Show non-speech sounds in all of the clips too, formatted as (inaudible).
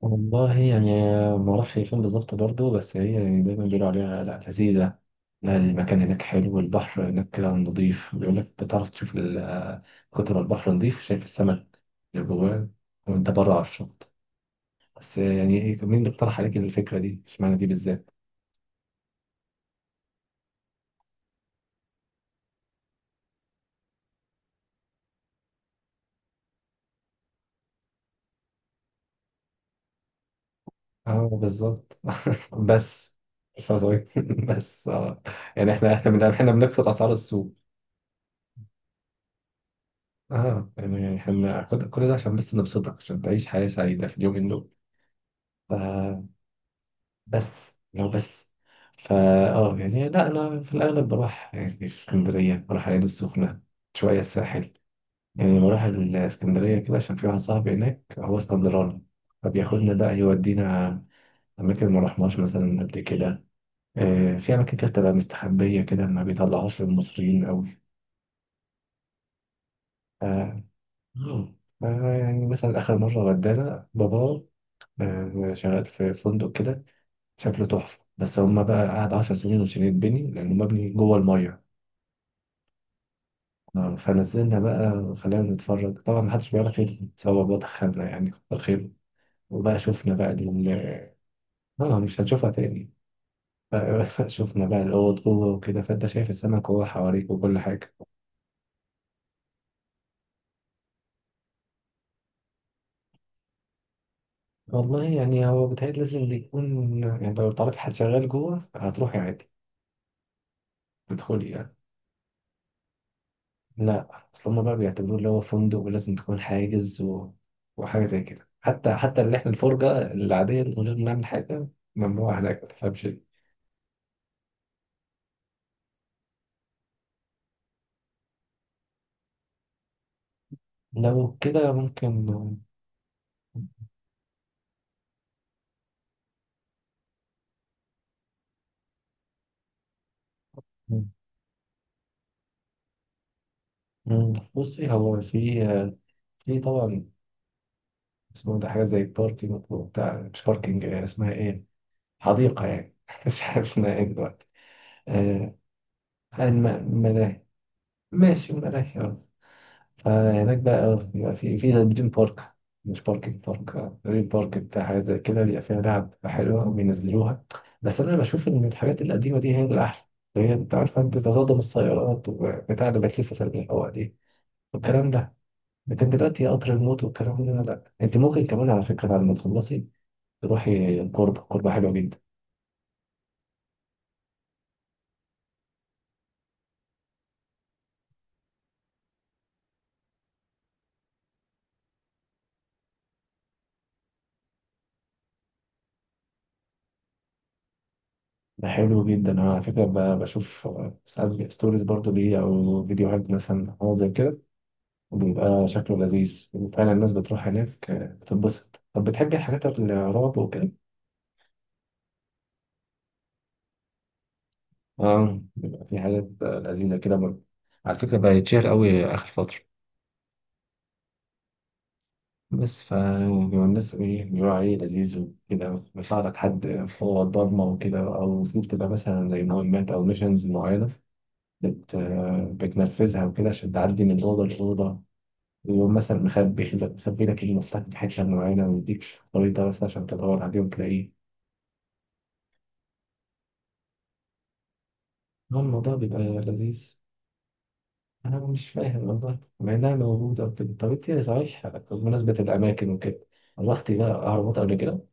والله يعني، ما اعرفش هي فين بالظبط برضه. بس هي دايما بيقولوا عليها لا لذيذه، لا المكان هناك حلو والبحر هناك كده نضيف. بيقول لك انت تعرف تشوف كتر ما البحر نضيف شايف السمك اللي جواه وانت بره على الشط. بس يعني ايه، مين اللي اقترح عليك الفكره دي؟ اشمعنى دي بالذات؟ اه بالظبط. (laughs) بس. بس عاوز أقول إيه؟ (laughs) بس يعني احنا بنكسر اسعار السوق. اه يعني احنا كل ده عشان بس نبسطك، عشان تعيش حياه سعيده في اليومين دول. بس لو بس. فا اه يعني لا، انا في الاغلب بروح يعني في اسكندريه، بروح العين السخنه، شويه الساحل. يعني بروح الاسكندريه كده عشان في واحد صاحبي هناك هو اسكندراني، فبياخدنا بقى يودينا اماكن ما رحناش مثلا قبل كده. آه، في اماكن كده بتبقى مستخبيه كده ما بيطلعوش للمصريين قوي. آه، آه، يعني مثلا اخر مره ودانا بابا، آه، شغال في فندق كده شكله تحفة، بس هما بقى قعد 10 سنين عشان يتبني لأنه مبني جوه المية. آه، فنزلنا بقى خلينا نتفرج، طبعا محدش بيعرف خير سوا بقى دخلنا يعني كتر خيره. وبقى شفنا بقى آه، مش هنشوفها تاني. (laughs) شفنا بقى الأوض جوه وكده، فأنت شايف السمك وهو حواليك وكل حاجة. والله يعني هو بيتهيألي لازم يكون، يعني لو تعرفي حد شغال جوه هتروحي عادي، تدخلي يعني. لا، اصل هما بقى بيعتبروه اللي هو فندق ولازم تكون حاجز و... وحاجه زي كده. حتى اللي احنا الفرجه العاديه من غير ما نعمل حاجه ممنوع هناك، ما تفهمش ليه. لو كده ممكن. مم. بصي، هو في. طبعا اسمه ده حاجه زي باركينج بتاع، مش باركينج، اسمها ايه؟ حديقه يعني، (laughs) مش عارف اسمها ايه دلوقتي. آه، الملاهي، ماشي الملاهي. فهناك بقى اه بيبقى في زي دريم بارك، مش باركينج، بارك اه دريم بارك بتاع، حاجة زي كده بيبقى فيها لعب حلوة وبينزلوها. بس أنا بشوف إن الحاجات القديمة دي هي الأحلى، هي أنت عارفة أنت تتصدم، السيارات وبتاع اللي بتلف في الهواء دي والكلام ده. لكن دلوقتي قطر الموت والكلام ده لا، أنت ممكن كمان على فكرة بعد ما تخلصي تروحي الكوربة، الكوربة حلوة جدا. ده حلو جدا. أنا على فكرة بشوف آه، ساعات ستوريز برضو ليه، أو فيديوهات مثلا أو زي كده، وبيبقى شكله لذيذ، وفعلا الناس بتروح هناك آه، بتتبسط. طب بتحبي الحاجات الرعب وكده؟ اه، بيبقى في حاجات آه، لذيذة كده برضه. على فكرة بقى يتشهر قوي آخر فترة. بس ف بيبقى الناس ايه بيقولوا عليه لذيذ وكده. بيطلع لك حد فوق الضلمة وكده، أو في بتبقى مثلا زي مهمات أو ميشنز معينة، آه، بتنفذها وكده عشان تعدي من أوضة لأوضة، ويقوم مثلا مخبي لك المفتاح في حتة معينة، ويديك خريطة مثلا عشان تدور عليه وتلاقيه. هو الموضوع بيبقى لذيذ. أنا مش فاهم والله مع إنها موجودة وكده. طب أنت صحيح بمناسبة الأماكن وكده، رحتي بقى أهرامات قبل كده؟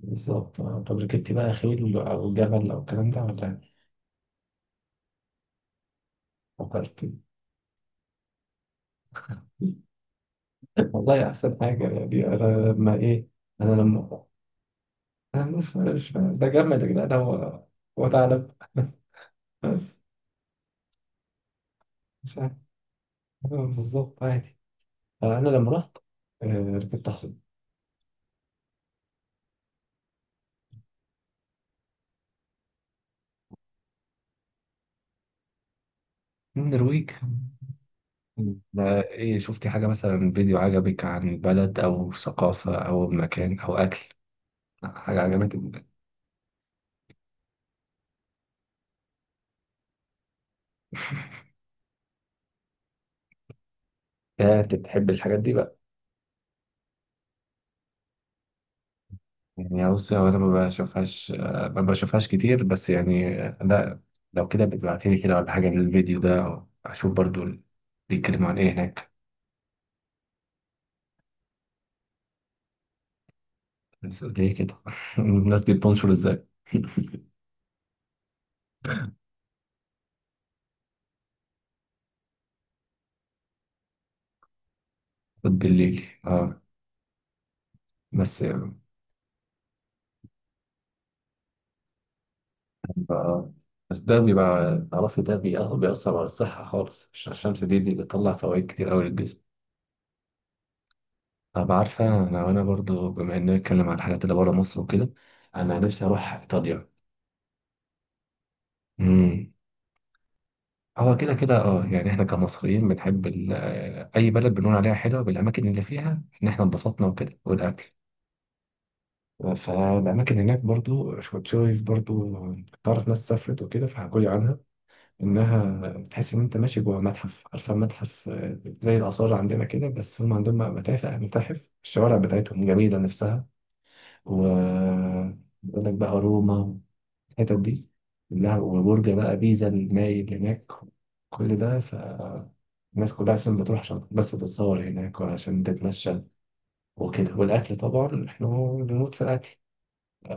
بالظبط آه. طب ركبتي بقى خيل أو جمل أو الكلام ده ولا؟ فكرتي؟ (laughs) والله أحسن حاجة يعني أنا لما إيه. أنا لما، أنا مش ده جمل يا جدعان، هو هو ثعلب. (laughs) بس مش عارف آه، بالظبط عادي. فأنا لما رحت آه، ركبت حصان. من النرويج؟ ده ايه، شفتي حاجة مثلا فيديو عجبك عن بلد أو ثقافة أو مكان أو أكل، حاجة عجبتك؟ يا أنت بتحب الحاجات دي بقى. يعني بصي هو أنا ما بشوفهاش آه، ما بشوفهاش كتير، بس يعني آه، لا. لو كده بتبعتيلي كده ولا حاجة للفيديو ده أشوف برضو. بيتكلموا عن إيه هناك؟ بس ليه كده؟ (laughs) الناس دي بتنشر إزاي؟ (laughs) بالليل اه. بس آه. بس ده بيبقى تعرفي ده بيأثر على الصحة خالص، عشان الشمس دي بتطلع فوائد كتير أوي للجسم. طب عارفة أنا وأنا برضو بما إننا بنتكلم عن الحاجات اللي بره مصر وكده، أنا نفسي أروح إيطاليا. امم. هو كده كده اه يعني احنا كمصريين بنحب آه، اي بلد بنقول عليها حلوه بالاماكن اللي فيها ان احنا انبسطنا وكده والاكل. فالاماكن هناك برضو كنت شايف برضو، تعرف ناس سافرت وكده فحكوا لي عنها انها بتحس ان انت ماشي جوه متحف، عارفه متحف آه، زي الاثار عندنا كده، بس هم عندهم بقى متاحف، متاحف الشوارع بتاعتهم جميله نفسها. و بيقول لك بقى روما، الحتت دي كلها، وبرج بقى بيزا المايل هناك، كل ده. فالناس كلها اصلا بتروح عشان بس تتصور هناك وعشان تتمشى وكده، والاكل طبعا احنا بنموت في الاكل،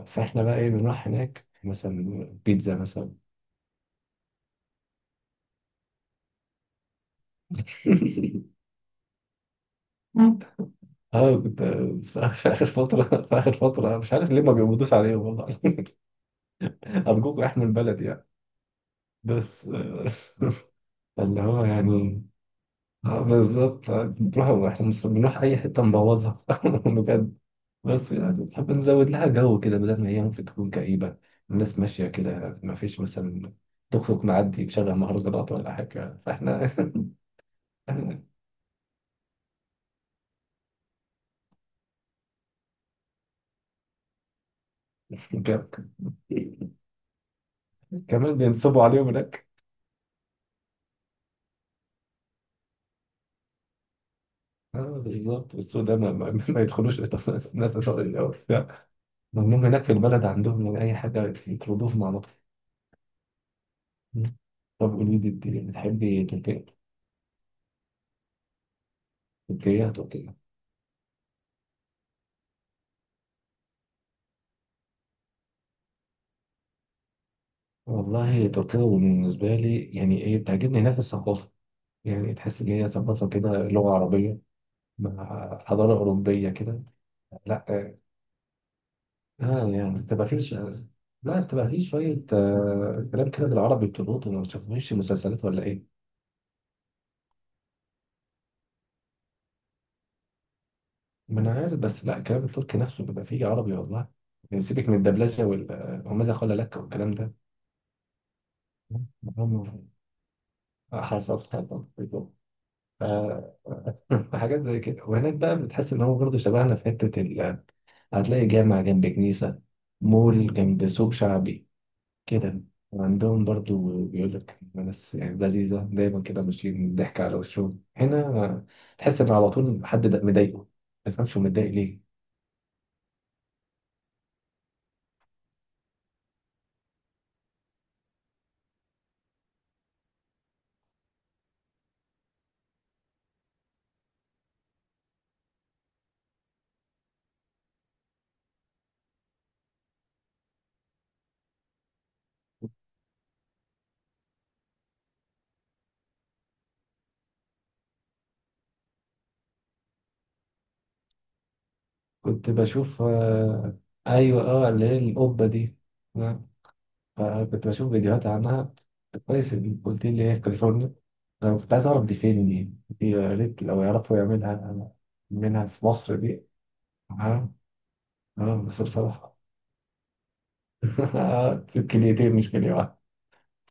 فاحنا بقى ايه بنروح هناك مثلا بيتزا مثلا. (laughs) اه كنت في آخر فترة، (laughs) في آخر فترة مش عارف ليه ما بيقبضوش عليهم والله. (laughs) أرجوكوا احموا البلد يعني. بس آه، (laughs) اللي هو يعني آه، بالظبط آه، بنروح احنا بنروح أي حتة نبوظها (laughs) بجد. بس يعني بنحب نزود لها جو كده بدل ما هي ممكن تكون كئيبة، الناس ماشية كده ما فيش مثلا توك توك معدي مشغل مهرجانات ولا حاجة، فاحنا (laughs) إحنا كمان بينصبوا عليهم هناك اه بالظبط. السوق ده ما يدخلوش (laughs) الناس الأول، ممنوع هناك في البلد عندهم يعني أي حاجة يطردوهم على طول. مم. طب قولي لي، أنت بتحبي تركيا؟ تركيا، تركيا. والله تركيا بالنسبة لي يعني إيه، بتعجبني هناك الثقافة، يعني تحس إن هي ثقافة كده لغة عربية مع حضارة أوروبية كده. لا آه يعني بتبقى فيه لا بتبقى فيه شوية آه كلام كده بالعربي بتربطه. ما بتشوفوش مسلسلات ولا إيه؟ ما أنا عارف، بس لا الكلام التركي نفسه بيبقى فيه عربي والله. يعني سيبك من الدبلجة آه، وماذا قال لك والكلام ده. هم حصل، حصل بالظبط. آه، (clears throat) (laughs) فحاجات زي كده، وهناك بقى بتحس ان هو برضه شبهنا في حته هتلاقي جامع جنب كنيسه، مول جنب سوق شعبي كده. وعندهم برضه بيقول لك ناس يعني لذيذه دايما كده ماشيين ضحك على وشهم هنا. تحس ان على طول حد ده مضايقه، ما تفهمش هو متضايق ليه. كنت بشوف آه، ايوه اه اللي هي القبه دي. آه، فكنت بشوف فيديوهات عنها، كويس إن قلت لي هي في كاليفورنيا، انا كنت عايز اعرف دي فين دي. دي يا ريت لو يعرفوا يعملها منها في مصر دي. اه اه بس بصراحة (laughs) كليتين مش كلية واحدة.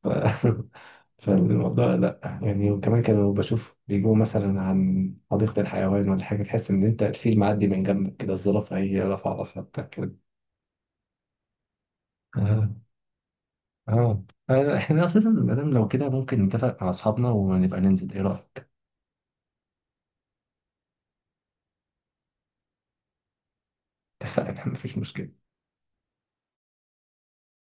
ف- (laughs) فالموضوع لا يعني. وكمان كانوا بشوف بيجوا مثلا عن حديقة الحيوان ولا حاجة، تحس ان انت الفيل معدي من جنبك كده، الزرافة هي رافعة راسها بتاع كده. اه اه آه، احنا اساسا مادام لو كده ممكن نتفق مع اصحابنا ونبقى ننزل، ايه رأيك؟ اتفقنا مفيش مشكلة.